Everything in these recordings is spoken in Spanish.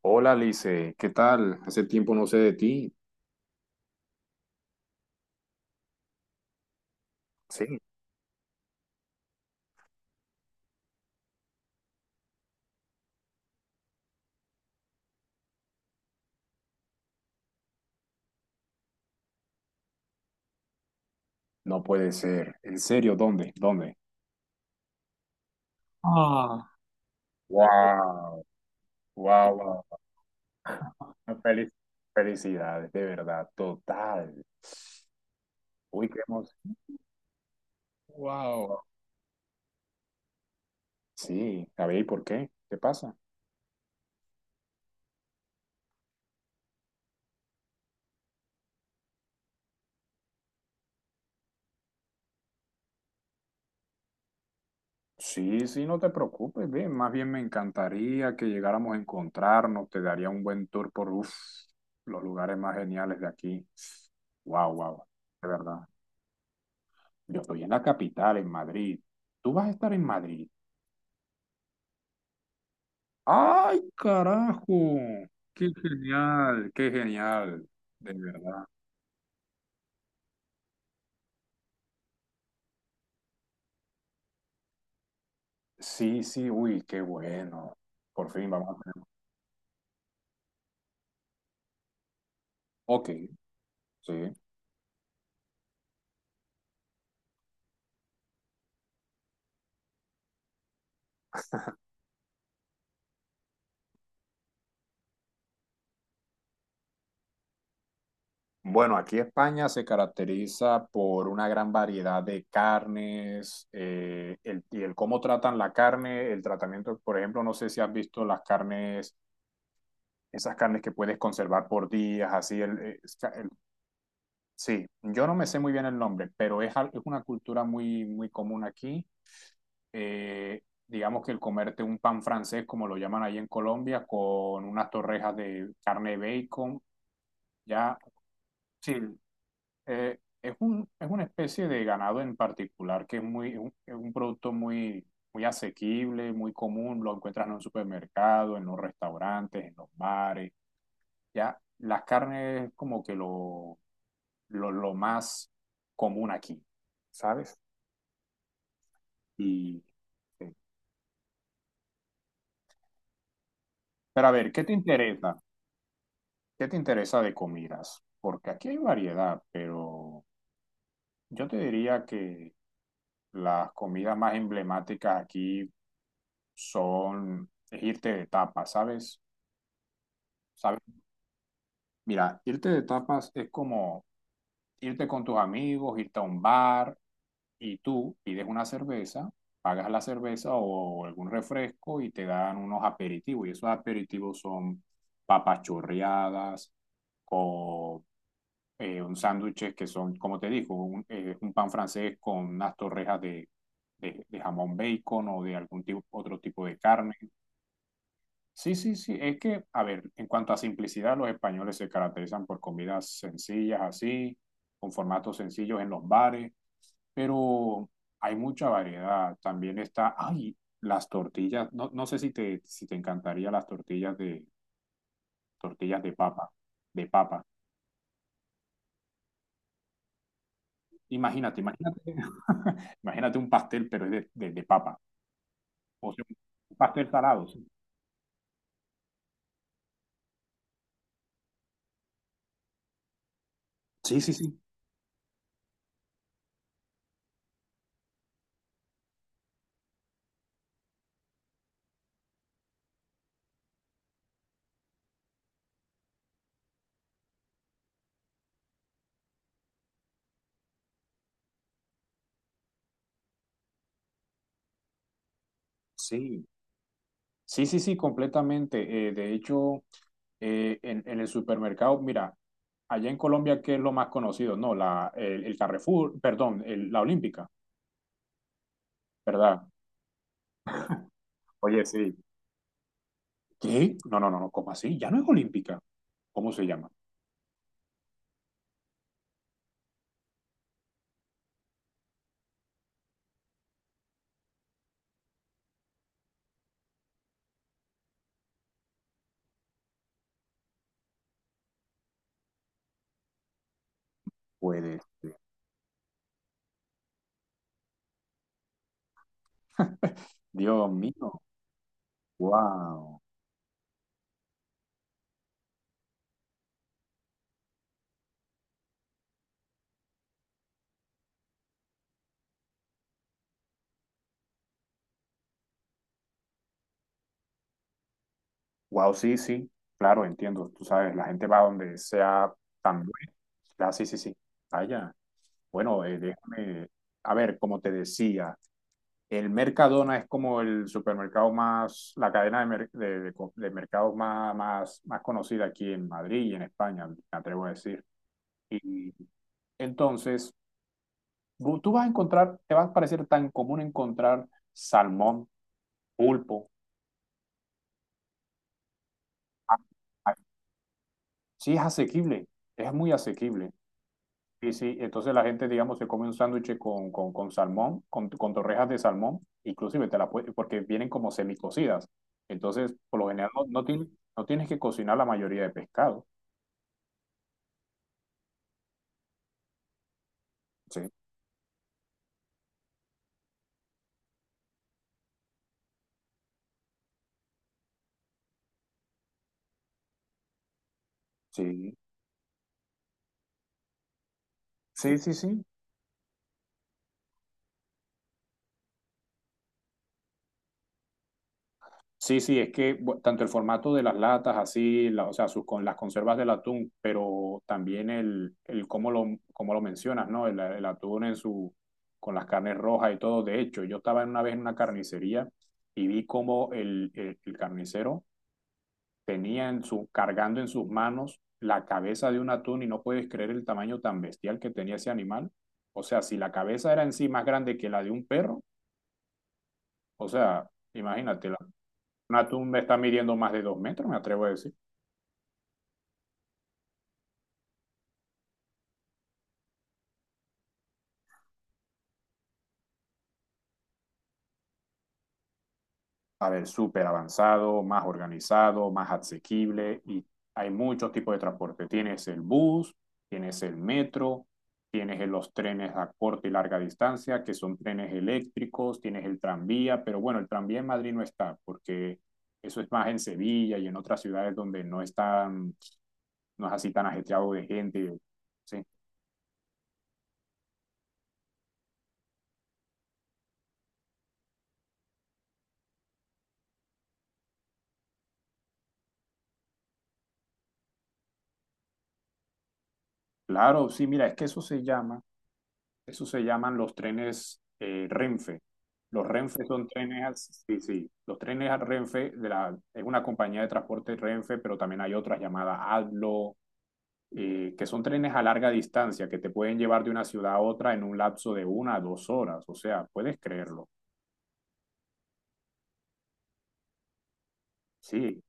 Hola, Lice, ¿qué tal? Hace tiempo no sé de ti. Sí. No puede ser. ¿En serio? ¿Dónde? ¿Dónde? Ah, wow, wow, wow. Felic- Felicidades, de verdad, total. Uy, qué emoción. Wow. Sí, a ver, ¿y por qué? ¿Qué pasa? Sí, sí, no te preocupes, bien. Más bien me encantaría que llegáramos a encontrarnos. Te daría un buen tour por uf, los lugares más geniales de aquí. Wow, wow, de verdad. Yo estoy en la capital, en Madrid. Tú vas a estar en Madrid. ¡Ay, carajo! ¡Qué genial! ¡Qué genial! De verdad. Sí, sí, uy, qué bueno. Por fin vamos a tener. Ok, sí. Bueno, aquí España se caracteriza por una gran variedad de carnes y el cómo tratan la carne, el tratamiento, por ejemplo, no sé si has visto las carnes, esas carnes que puedes conservar por días, así. Sí, yo no me sé muy bien el nombre, pero es una cultura muy, muy común aquí. Eh, digamos que el comerte un pan francés, como lo llaman ahí en Colombia, con unas torrejas de carne de bacon, ya, sí, es una especie de ganado en particular que es un producto muy, muy asequible, muy común, lo encuentras en un supermercado, en los restaurantes, en los bares, ya. Las carnes es como que lo más común aquí. ¿Sabes? Y, sí. Pero a ver, ¿qué te interesa? ¿Qué te interesa de comidas? Porque aquí hay variedad, pero yo te diría que las comidas más emblemáticas aquí son es irte de tapas, ¿sabes? ¿Sabes? Mira, irte de tapas es como irte con tus amigos, irte a un bar y tú pides una cerveza, pagas la cerveza o algún refresco y te dan unos aperitivos. Y esos aperitivos son papas chorreadas con un sándwiches que son, como te digo, un pan francés con unas torrejas de jamón bacon o de algún tipo, otro tipo de carne. Sí, sí, sí, es que, a ver, en cuanto a simplicidad, los españoles se caracterizan por comidas sencillas así, con formatos sencillos en los bares, pero hay mucha variedad. También está, ay, las tortillas, no, no sé si te, si te encantaría las tortillas tortillas de papa, de papa. Imagínate, imagínate, imagínate un pastel, pero es de papa. O sea, un pastel salado. Sí, sí, sí. Sí, sí, sí, sí, sí, completamente. De hecho, en el supermercado, mira, allá en Colombia, ¿qué es lo más conocido? No, el Carrefour, perdón, la Olímpica, ¿verdad? Oye, sí. ¿Qué? No, no, no, no, ¿cómo así? Ya no es Olímpica. ¿Cómo se llama? Puede ser. Dios mío, wow. Wow, sí, sí, claro, entiendo. Tú sabes, la gente va donde sea tan buena. Sí, sí, sí. Vaya. Bueno, déjame. A ver, como te decía, el Mercadona es como el supermercado más, la cadena de, mer- de co- de mercados más conocida aquí en Madrid y en España, me atrevo a decir. Y entonces, tú vas a encontrar, te va a parecer tan común encontrar salmón, pulpo. a- a- Sí, es asequible, es muy asequible. Sí, sí, entonces la gente, digamos, se come un sándwich con salmón, con torrejas de salmón, inclusive te la puede- porque vienen como semicocidas. Entonces, por lo general, no tienes que cocinar la mayoría de pescado. Sí, sí, sí, sí, sí. Sí, sí, es que tanto el formato de las latas, o sea, con las conservas del atún, pero también el cómo cómo lo mencionas, ¿no? El atún en con las carnes rojas y todo. De hecho, yo estaba una vez en una carnicería y vi cómo el carnicero cargando en sus manos la cabeza de un atún y no puedes creer el tamaño tan bestial que tenía ese animal. O sea, si la cabeza era en sí más grande que la de un perro, o sea, imagínate, Natum está midiendo más de 2 metros, me atrevo a decir. A ver, súper avanzado, más organizado, más asequible y hay muchos tipos de transporte. Tienes el bus, tienes el metro, tienes los trenes a corta y larga distancia, que son trenes eléctricos, tienes el tranvía, pero bueno, el tranvía en Madrid no está, porque eso es más en Sevilla y en otras ciudades donde no está, no es así tan ajetreado de gente. Sí, claro, sí, mira, es que eso se llama. Eso se llaman los trenes Renfe. Los Renfe son sí, sí, los trenes a Renfe de la, es una compañía de transporte Renfe, pero también hay otras llamadas ADLO, que son trenes a larga distancia que te pueden llevar de una ciudad a otra en un lapso de 1 a 2 horas. O sea, puedes creerlo. Sí,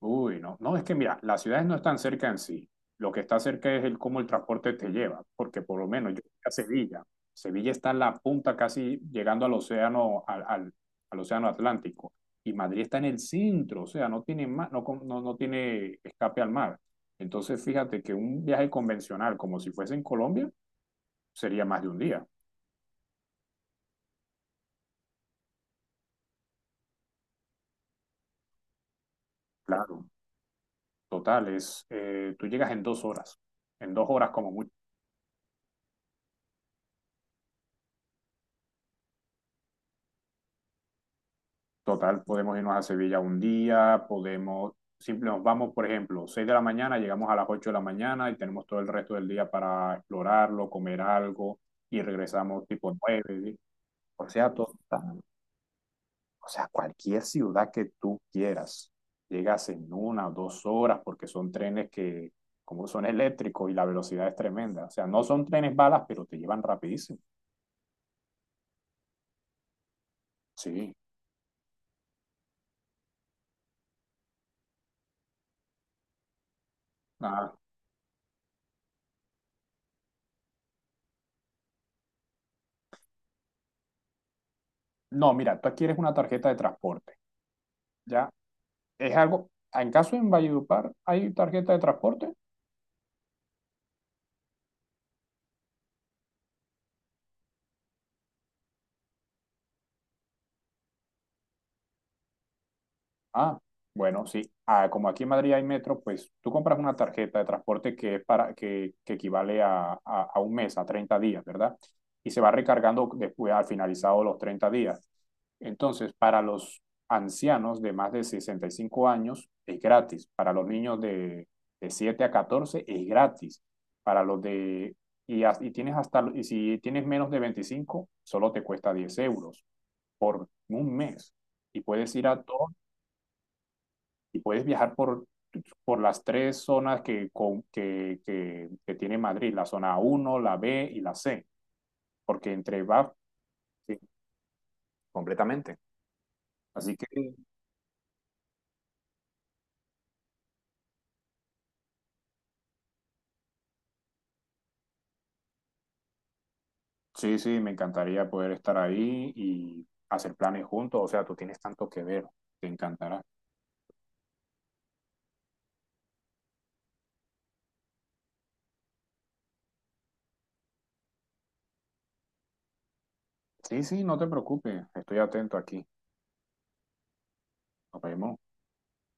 uy, no, no, es que mira, las ciudades no están cerca en sí. Lo que está cerca es el cómo el transporte te lleva, porque por lo menos yo fui a Sevilla. Sevilla está en la punta casi llegando al océano, al océano Atlántico. Y Madrid está en el centro, o sea, no tiene ma- no, con- no, no tiene escape al mar. Entonces, fíjate que un viaje convencional, como si fuese en Colombia, sería más de un día. Claro. Total, tú llegas en 2 horas, en dos horas como mucho. Total, podemos irnos a Sevilla un día, podemos, simple, nos vamos, por ejemplo, 6 de la mañana, llegamos a las 8 de la mañana y tenemos todo el resto del día para explorarlo, comer algo y regresamos tipo 9, ¿sí? O sea, total, o sea, cualquier ciudad que tú quieras, llegas en 1 o 2 horas porque son trenes que, como son eléctricos y la velocidad es tremenda. O sea, no son trenes balas, pero te llevan rapidísimo. Sí. Ah, no, mira, tú adquieres una tarjeta de transporte. ¿Ya? Es algo, en caso en Valledupar, ¿hay tarjeta de transporte? Ah, bueno, sí. Ah, como aquí en Madrid hay metro, pues tú compras una tarjeta de transporte que es para, que equivale a un mes, a 30 días, ¿verdad? Y se va recargando después, al finalizado los 30 días. Entonces, para los ancianos de más de 65 años es gratis. Para los niños de 7 a 14 es gratis. Para los de... Y y tienes hasta, y si tienes menos de 25 solo te cuesta 10 euros por un mes y puedes ir a todo y puedes viajar por las tres zonas que, con- que tiene Madrid, la zona 1 la B y la C, porque entre va... Sí, completamente. Así que sí, sí, me encantaría poder estar ahí y hacer planes juntos. O sea, tú tienes tanto que ver, te encantará. Sí, sí, no te preocupes, estoy atento aquí. Nos vemos.